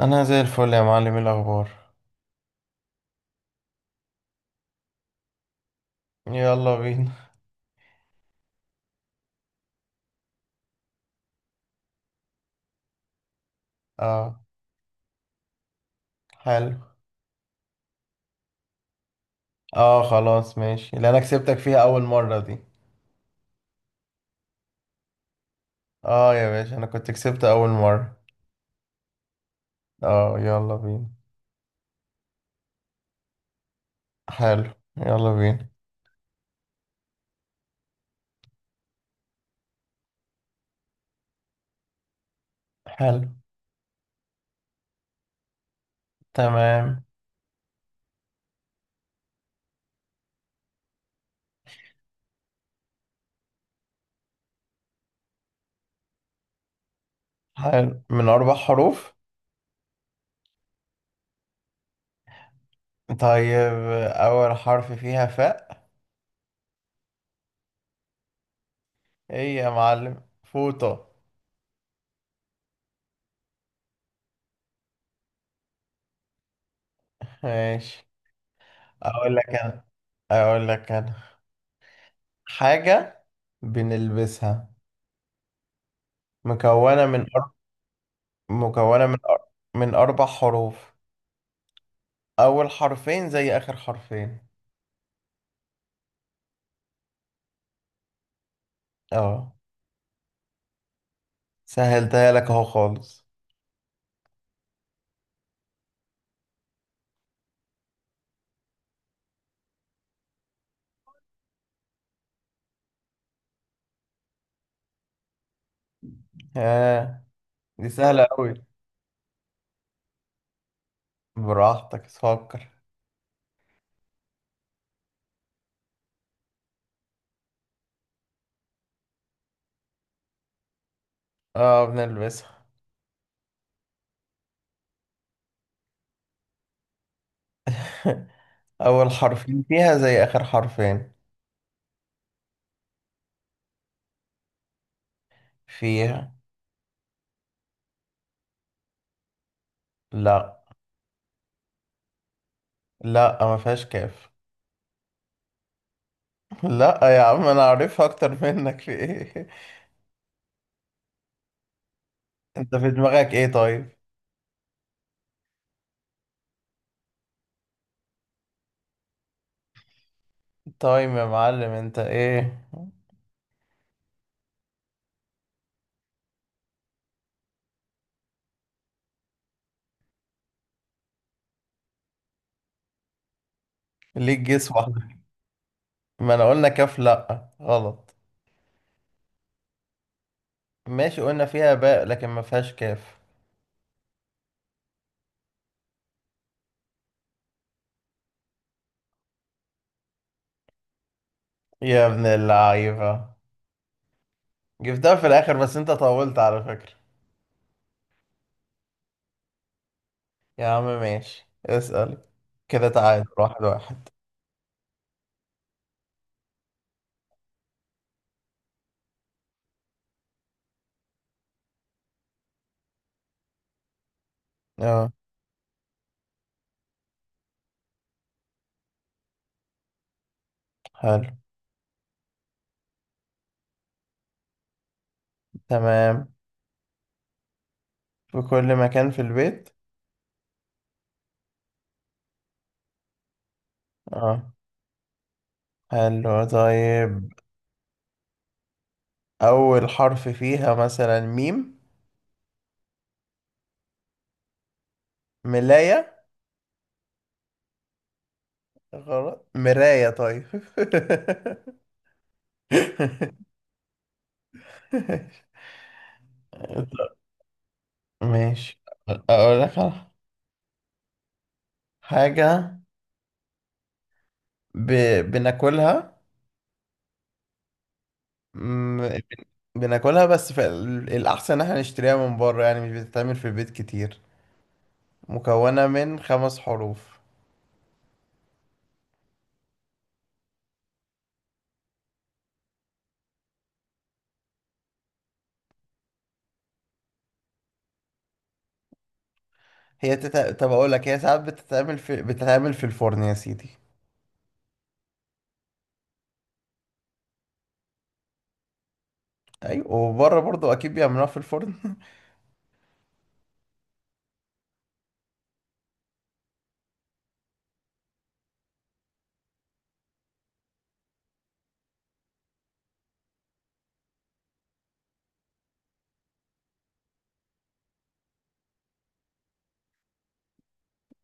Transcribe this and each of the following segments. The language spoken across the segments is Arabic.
انا زي الفل يا معلم، إيه الاخبار؟ يلا بينا. اه. حلو. اه خلاص ماشي، اللي انا كسبتك فيها اول مرة دي. اه يا باشا، انا كنت كسبت اول مرة. اه يلا بينا. حلو. يلا بينا. حلو. تمام. حلو، من اربع حروف. طيب اول حرف فيها فاء. ايه يا معلم، فوطة. ماشي. اقول لك انا اقول لك انا حاجة بنلبسها، مكونة من مكونة من من أربع حروف، أول حرفين زي آخر حرفين. اه سهلتها لك أهو خالص. ها، دي سهلة أوي. براحتك فكر. اه بنلبسها. أول حرفين فيها زي آخر حرفين. فيها. لا. لا ما فيهاش كاف. لا يا عم، أنا عارفها أكتر منك في إيه. أنت في دماغك إيه طيب؟ طيب يا معلم أنت إيه؟ ليك جس واحدة. ما أنا قلنا كاف، لا غلط. ماشي قلنا فيها باء، لكن ما فيهاش كاف. يا ابن اللعيبة. جبتها في الآخر، بس أنت طولت على فكرة. يا عم ماشي، اسأل. كده تعادل واحد واحد. اه. حلو. تمام. في كل مكان في البيت. اه. حلو طيب. أول حرف فيها مثلا ميم. ملاية. غلط، مراية طيب. ماشي. أقول لك على حاجة ب... بناكلها مم، بن- بناكلها بس الأحسن إن احنا نشتريها من بره، يعني مش بتتعمل في البيت كتير. مكونة من خمس حروف. طب أقول لك، هي ساعات بتتعمل في الفرن يا سيدي. أيوة، وبره برضو أكيد بيعملوها في الفرن.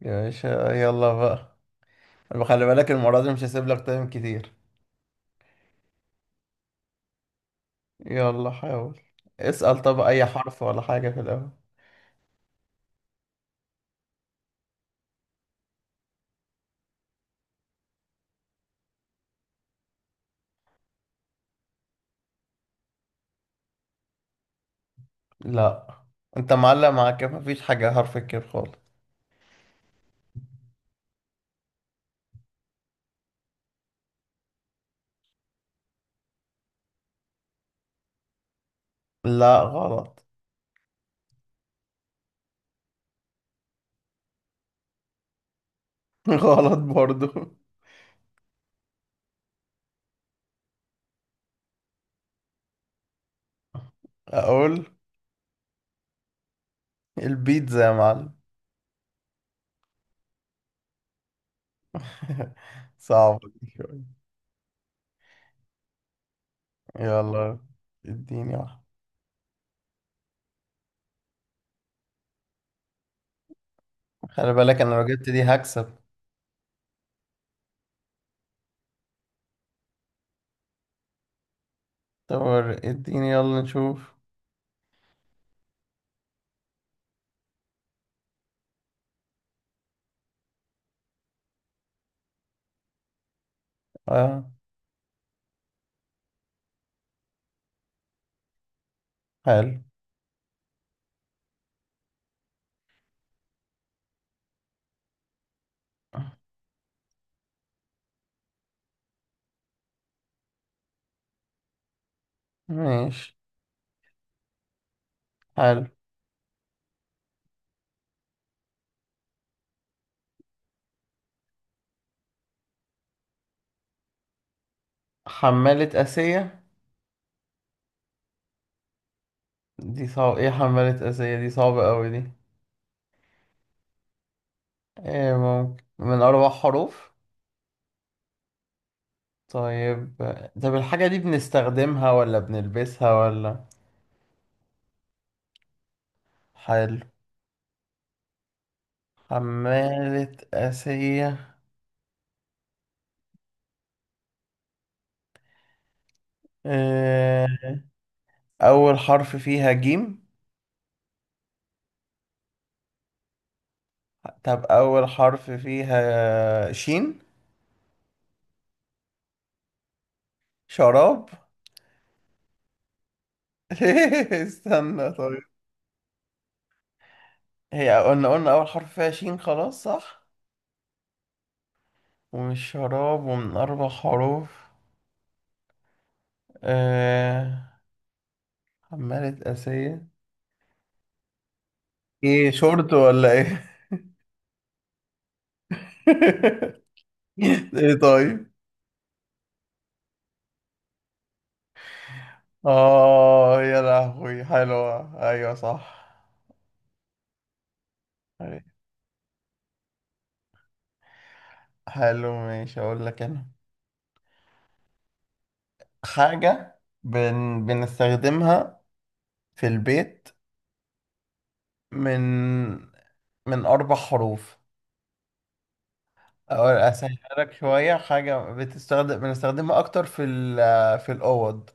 يا باشا يلا بقى. طب خلي بالك المرة دي مش هسيب لك تايم كتير. يلا حاول. اسأل طب أي حرف ولا حاجة في الأول. لا. أنت معلق، معاك مفيش حاجة حرف الكاف خالص. لا غلط. غلط برضو. أقول. البيتزا يا معلم. صعب شوية. يلا. اديني واحدة. خلي بالك انا لو جبت دي هكسب. طب اديني يلا نشوف. اه. حلو. ماشي. حلو. حمالة آسية؟ دي صعب، ايه حمالة آسية دي؟ صعبة قوي دي. ايه ممكن، من أربع حروف. طيب. طب الحاجة دي بنستخدمها ولا بنلبسها ولا؟ حلو. حمالة آسية. إيه. أول حرف فيها جيم. طب أول حرف فيها شين. شراب. استنى طيب. هي قلنا أول حرف فيها شين خلاص صح. ومش شراب، ومن أربع حروف. آه... عمالة أسية. إيه، شورت ولا إيه؟ إيه طيب. آه يا لهوي، حلوة أيوة صح. حلو ماشي، أقول لك أنا. حاجة بنستخدمها في البيت، من من أربع حروف. أو أسهلها لك شوية، حاجة بنستخدمها أكتر في الأوض.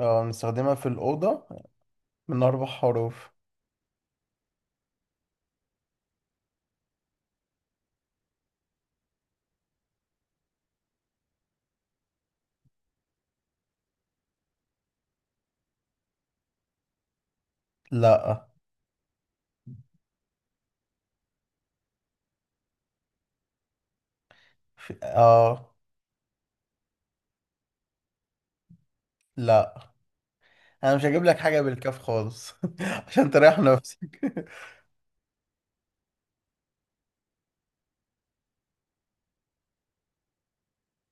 اه بنستخدمها في الأوضة، من أربع حروف. لأ. اه. لأ. أنا مش هجيب لك حاجة بالكاف خالص. عشان تريح نفسك.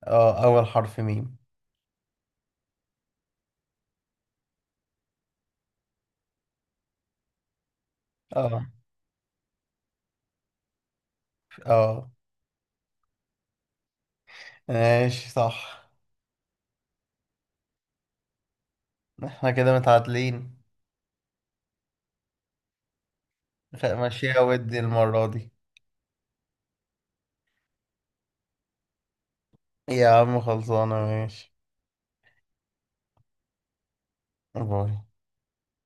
اه أول حرف ميم. اه. اه. ماشي صح. احنا كده متعادلين. ماشية ودي المرة دي. يا عم خلصانة ماشي. باي.